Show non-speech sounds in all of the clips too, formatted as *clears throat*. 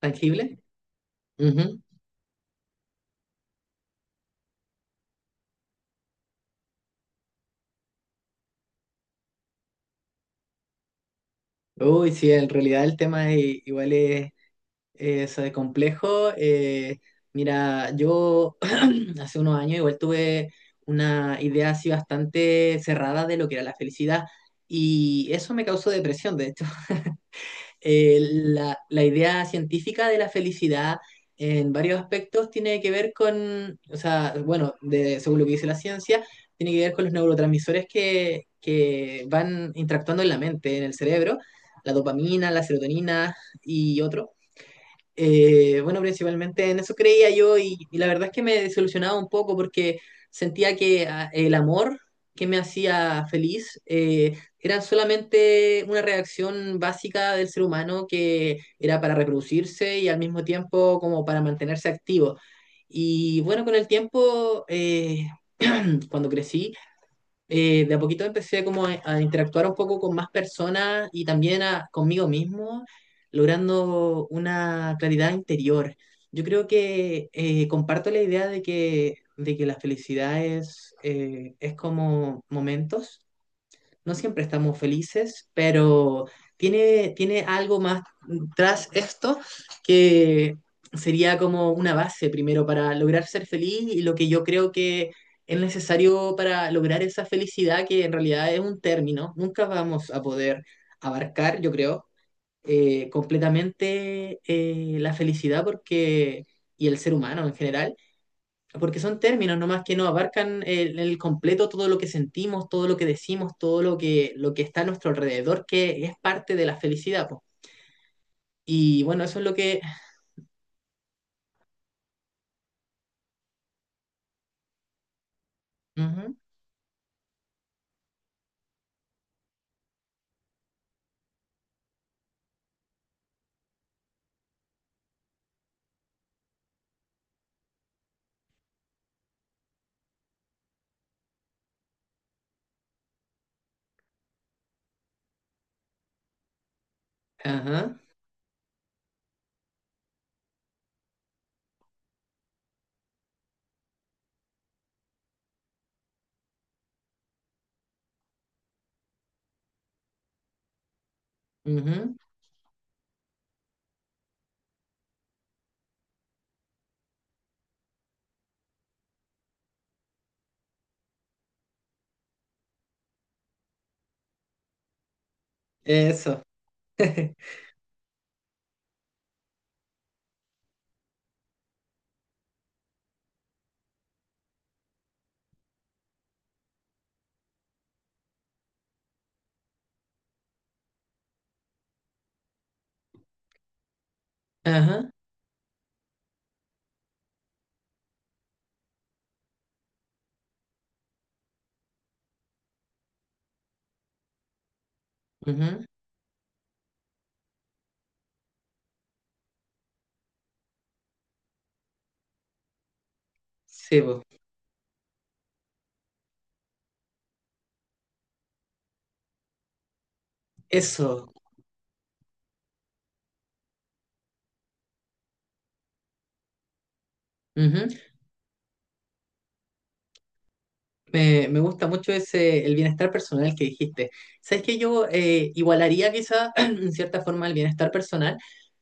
¿Tangible? Ujú. Uy, sí, en realidad el tema es- igual es, complejo. Mira, yo *clears throat* hace unos años igual tuve una idea así bastante cerrada de lo que era la felicidad y eso me causó depresión, de hecho. La idea científica de la felicidad en varios aspectos tiene que ver con, o sea, bueno, de, según lo que dice la ciencia, tiene que ver con los neurotransmisores que van interactuando en la mente, en el cerebro, la dopamina, la serotonina y otros. Bueno, principalmente en eso creía yo y la verdad es que me desilusionaba un poco porque sentía que el amor que me hacía feliz era solamente una reacción básica del ser humano que era para reproducirse y al mismo tiempo como para mantenerse activo. Y bueno, con el tiempo, cuando crecí, de a poquito empecé como a interactuar un poco con más personas y también a- conmigo mismo, logrando una claridad interior. Yo creo que comparto la idea de que la felicidad es como momentos, no siempre estamos felices, pero tiene algo más tras esto que sería como una base primero para lograr ser feliz y lo que yo creo que es necesario para lograr esa felicidad que en realidad es un término. Nunca vamos a poder abarcar, yo creo, completamente la felicidad porque, y el ser humano en general, porque son términos nomás que no abarcan el completo, todo lo que sentimos, todo lo que decimos, todo lo que está a nuestro alrededor, que es parte de la felicidad, po. Y bueno, eso es lo que... Ujú, ajá, ujú, eso. *laughs* Ajá, ujú, sí, po. Eso. Ujú. Me gusta mucho ese, el bienestar personal que dijiste. ¿Sabes que yo igualaría quizá *clears throat* en cierta forma el bienestar personal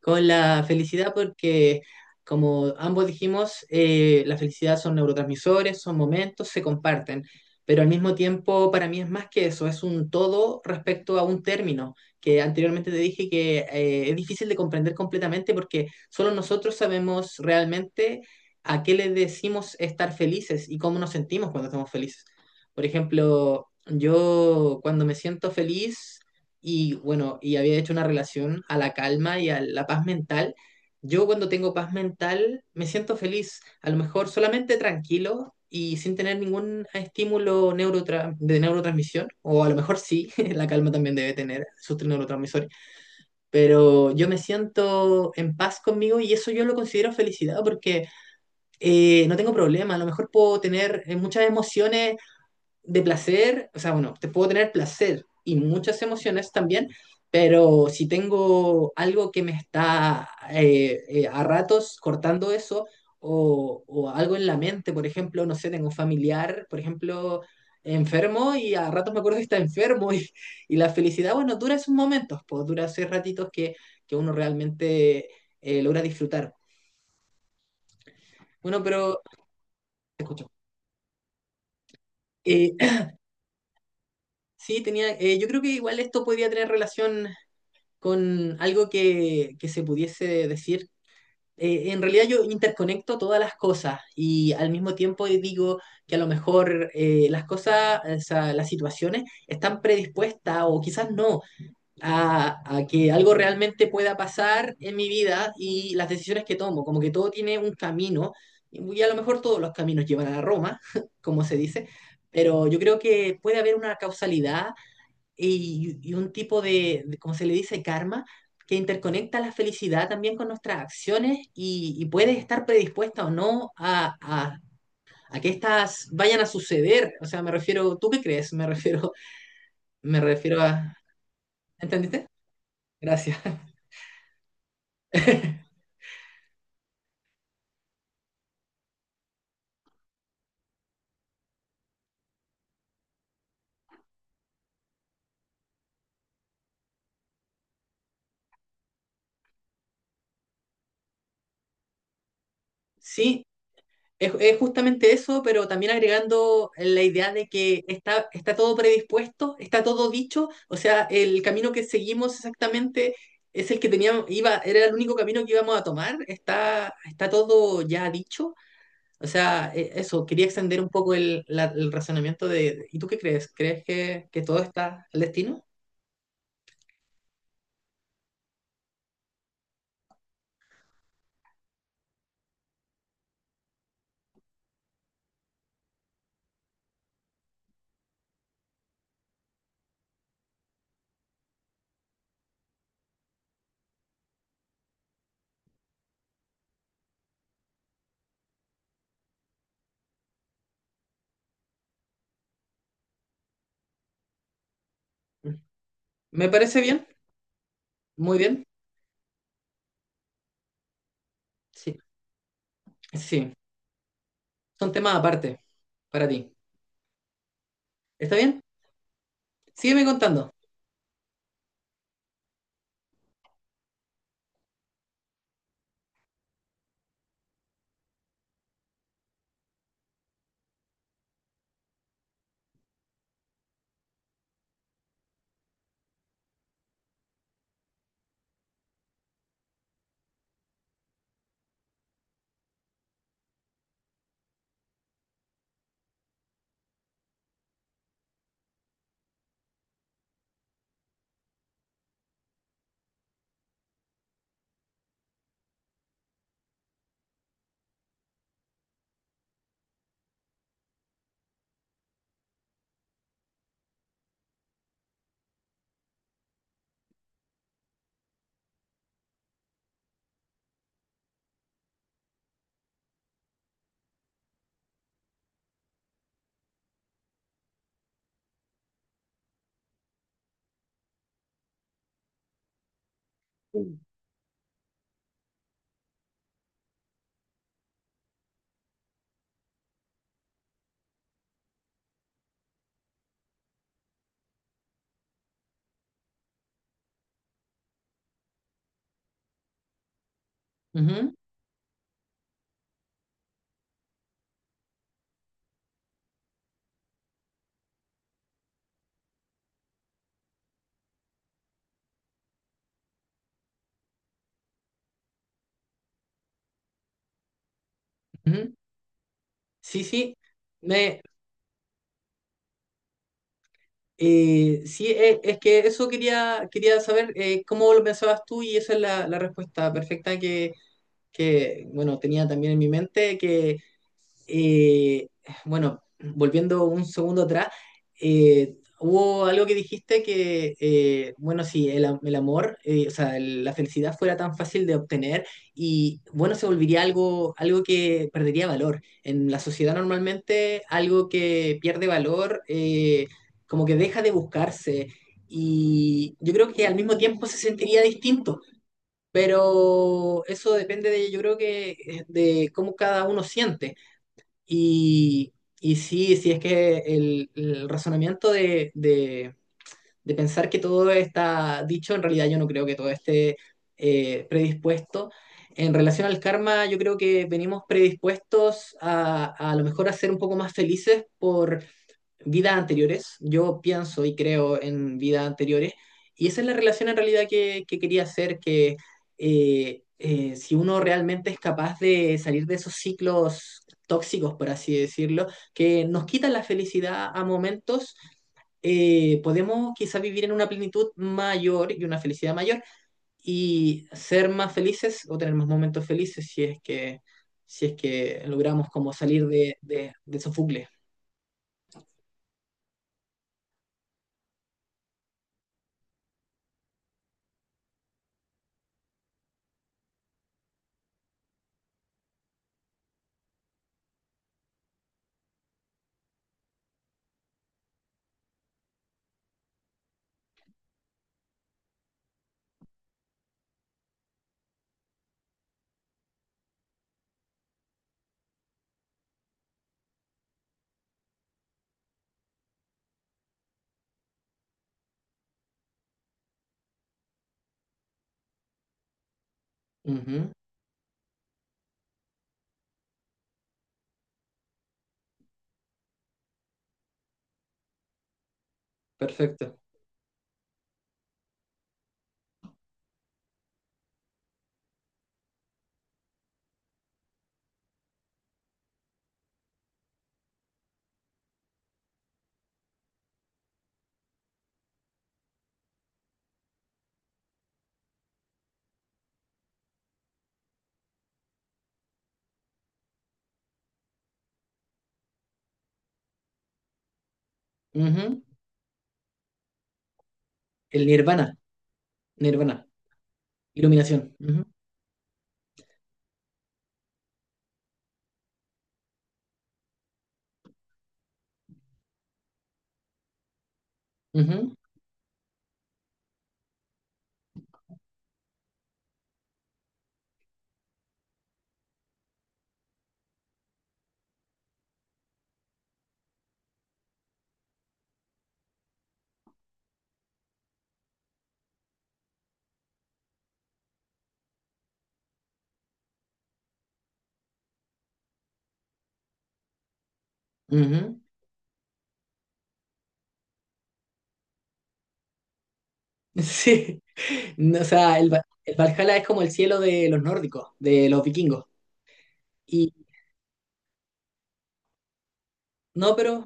con la felicidad? Porque como ambos dijimos, la felicidad son neurotransmisores, son momentos, se comparten. Pero al mismo tiempo para mí es más que eso, es un todo respecto a un término que anteriormente te dije que es difícil de comprender completamente, porque solo nosotros sabemos realmente a qué le decimos estar felices y cómo nos sentimos cuando estamos felices. Por ejemplo, yo cuando me siento feliz y bueno, y había hecho una relación a la calma y a la paz mental, yo cuando tengo paz mental me siento feliz, a lo mejor solamente tranquilo y sin tener ningún estímulo neurotra- de neurotransmisión, o a lo mejor sí, *laughs* la calma también debe tener sus neurotransmisores, pero yo me siento en paz conmigo y eso yo lo considero felicidad porque no tengo problema, a lo mejor puedo tener muchas emociones de placer, o sea, bueno, te puedo tener placer y muchas emociones también, pero si tengo algo que me está a ratos cortando eso o algo en la mente, por ejemplo, no sé, tengo un familiar, por ejemplo, enfermo y a ratos me acuerdo que está enfermo y la felicidad, bueno, dura esos momentos, pues dura esos ratitos que uno realmente logra disfrutar. Bueno, pero te escucho. Eh, Sí, tenía, yo creo que igual esto podría tener relación con algo que se pudiese decir. En realidad yo interconecto todas las cosas y al mismo tiempo digo que a lo mejor las cosas, o sea, las situaciones están predispuestas o quizás no a que algo realmente pueda pasar en mi vida y las decisiones que tomo, como que todo tiene un camino y a lo mejor todos los caminos llevan a Roma, *laughs* como se dice, pero yo creo que puede haber una causalidad y un tipo de, como se le dice, karma, que interconecta la felicidad también con nuestras acciones y puedes estar predispuesta o no a, a que estas vayan a suceder. O sea, me refiero, ¿tú qué crees? Me refiero a... ¿Entendiste? Gracias. *laughs* Sí, es justamente eso, pero también agregando la idea de que está, está todo predispuesto, está todo dicho, o sea, el camino que seguimos exactamente es el que teníamos, iba, era el único camino que íbamos a tomar, está, está todo ya dicho, o sea, e- eso, quería extender un poco el, la- el razonamiento de, ¿y tú qué crees? ¿Crees que todo está al destino? Mm. Me parece bien, muy bien, sí, sí, son temas aparte para ti, ¿está bien? Sígueme contando. Sí. Ujú, ujú. Sí, sí, me, sí, e- es, que eso quería, quería saber cómo lo pensabas tú y esa es la, la respuesta perfecta que, bueno, tenía también en mi mente que, eh, bueno, volviendo un segundo atrás, hubo algo que dijiste que, bueno, si el, am- el amor, o sea, el- la felicidad fuera tan fácil de obtener y, bueno, se volvería algo, algo que perdería valor. En la sociedad normalmente algo que pierde valor, como que deja de buscarse y yo creo que al mismo tiempo se sentiría distinto. Pero eso depende de, yo creo que de cómo cada uno siente. Y, y sí, sí es que el razonamiento de pensar que todo está dicho, en realidad yo no creo que todo esté predispuesto. En relación al karma, yo creo que venimos predispuestos a lo mejor a ser un poco más felices vidas anteriores. Yo pienso y creo en vidas anteriores. Y esa es la relación en realidad que quería hacer, que si uno realmente es capaz de salir de esos ciclos tóxicos, por así decirlo, que nos quitan la felicidad a momentos, podemos quizá vivir en una plenitud mayor y una felicidad mayor y ser más felices o tener más momentos felices si es que, si es que logramos como salir de esos bucles. Ujú, perfecto. Ujú. El nirvana, nirvana, iluminación. Ujú, ujú, ujú. *laughs* Sí, no, o sea, el, Va- el Valhalla es como el cielo de los nórdicos, de los vikingos. Y no, pero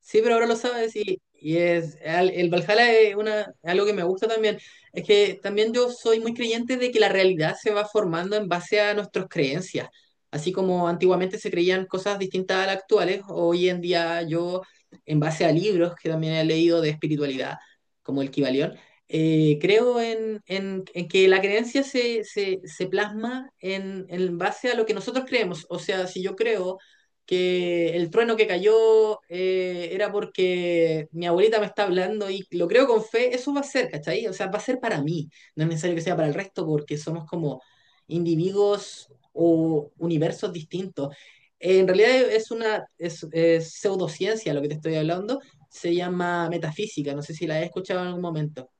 sí, pero ahora lo sabes y es al- el Valhalla es una, algo que me gusta también. Es que también yo soy muy creyente de que la realidad se va formando en base a nuestras creencias. Así como antiguamente se creían cosas distintas a las actuales, hoy en día yo, en base a libros que también he leído de espiritualidad, como el Kybalión, creo en que la creencia se, se- se plasma en base a lo que nosotros creemos. O sea, si yo creo que el trueno que cayó era porque mi abuelita me está hablando y lo creo con fe, eso va a ser, ¿cachai? O sea, va a ser para mí, no es necesario que sea para el resto porque somos como individuos o universos distintos. En realidad es una es pseudociencia lo que te estoy hablando, se llama metafísica, no sé si la he escuchado en algún momento.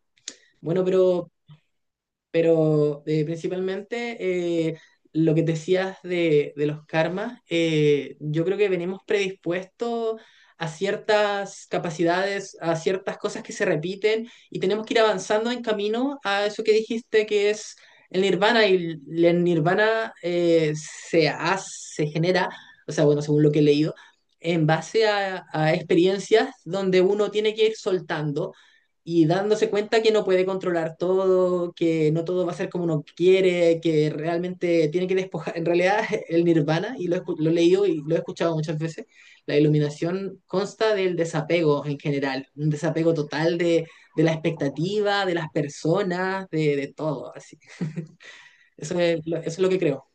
Bueno, pero principalmente eh, lo que decías de los karmas, yo creo que venimos predispuestos a ciertas capacidades, a ciertas cosas que se repiten y tenemos que ir avanzando en camino a eso que dijiste que es el nirvana y el nirvana se hace, se genera, o sea, bueno, según lo que he leído, en base a experiencias donde uno tiene que ir soltando y dándose cuenta que no puede controlar todo, que no todo va a ser como uno quiere, que realmente tiene que despojar. En realidad, *laughs* el nirvana, y lo, he escu- lo he leído y lo he escuchado muchas veces, la iluminación consta del desapego en general, un desapego total de la expectativa, de las personas, de todo, así. *laughs* Eso es lo que creo.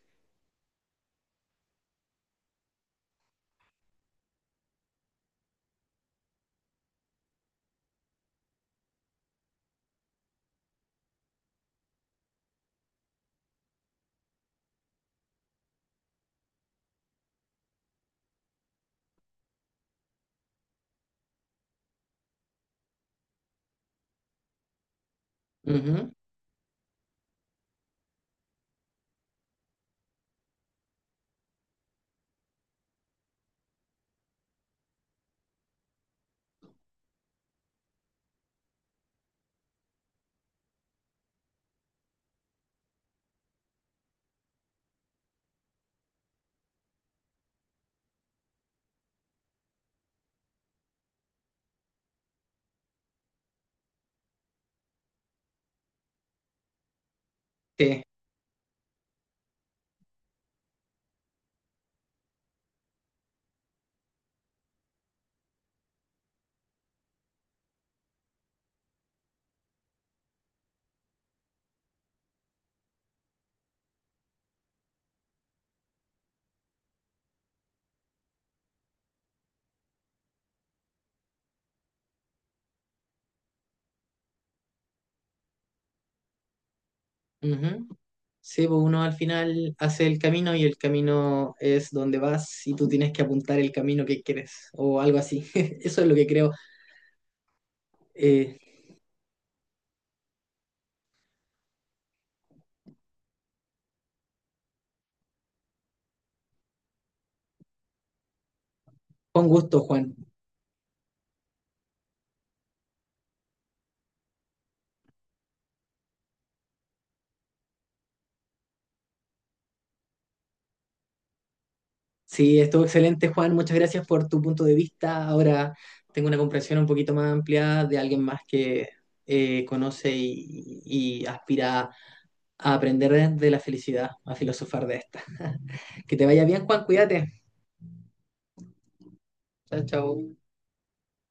Ujú, sí, ujú. Sí, pues uno al final hace el camino y el camino es donde vas y tú tienes que apuntar el camino que quieres o algo así. *laughs* Eso es lo que creo. Eh, con gusto, Juan. Sí, estuvo excelente, Juan. Muchas gracias por tu punto de vista. Ahora tengo una comprensión un poquito más amplia de alguien más que conoce y aspira a aprender de la felicidad, a filosofar de esta. *laughs* Que te vaya bien, Juan. Cuídate. Chao, chao.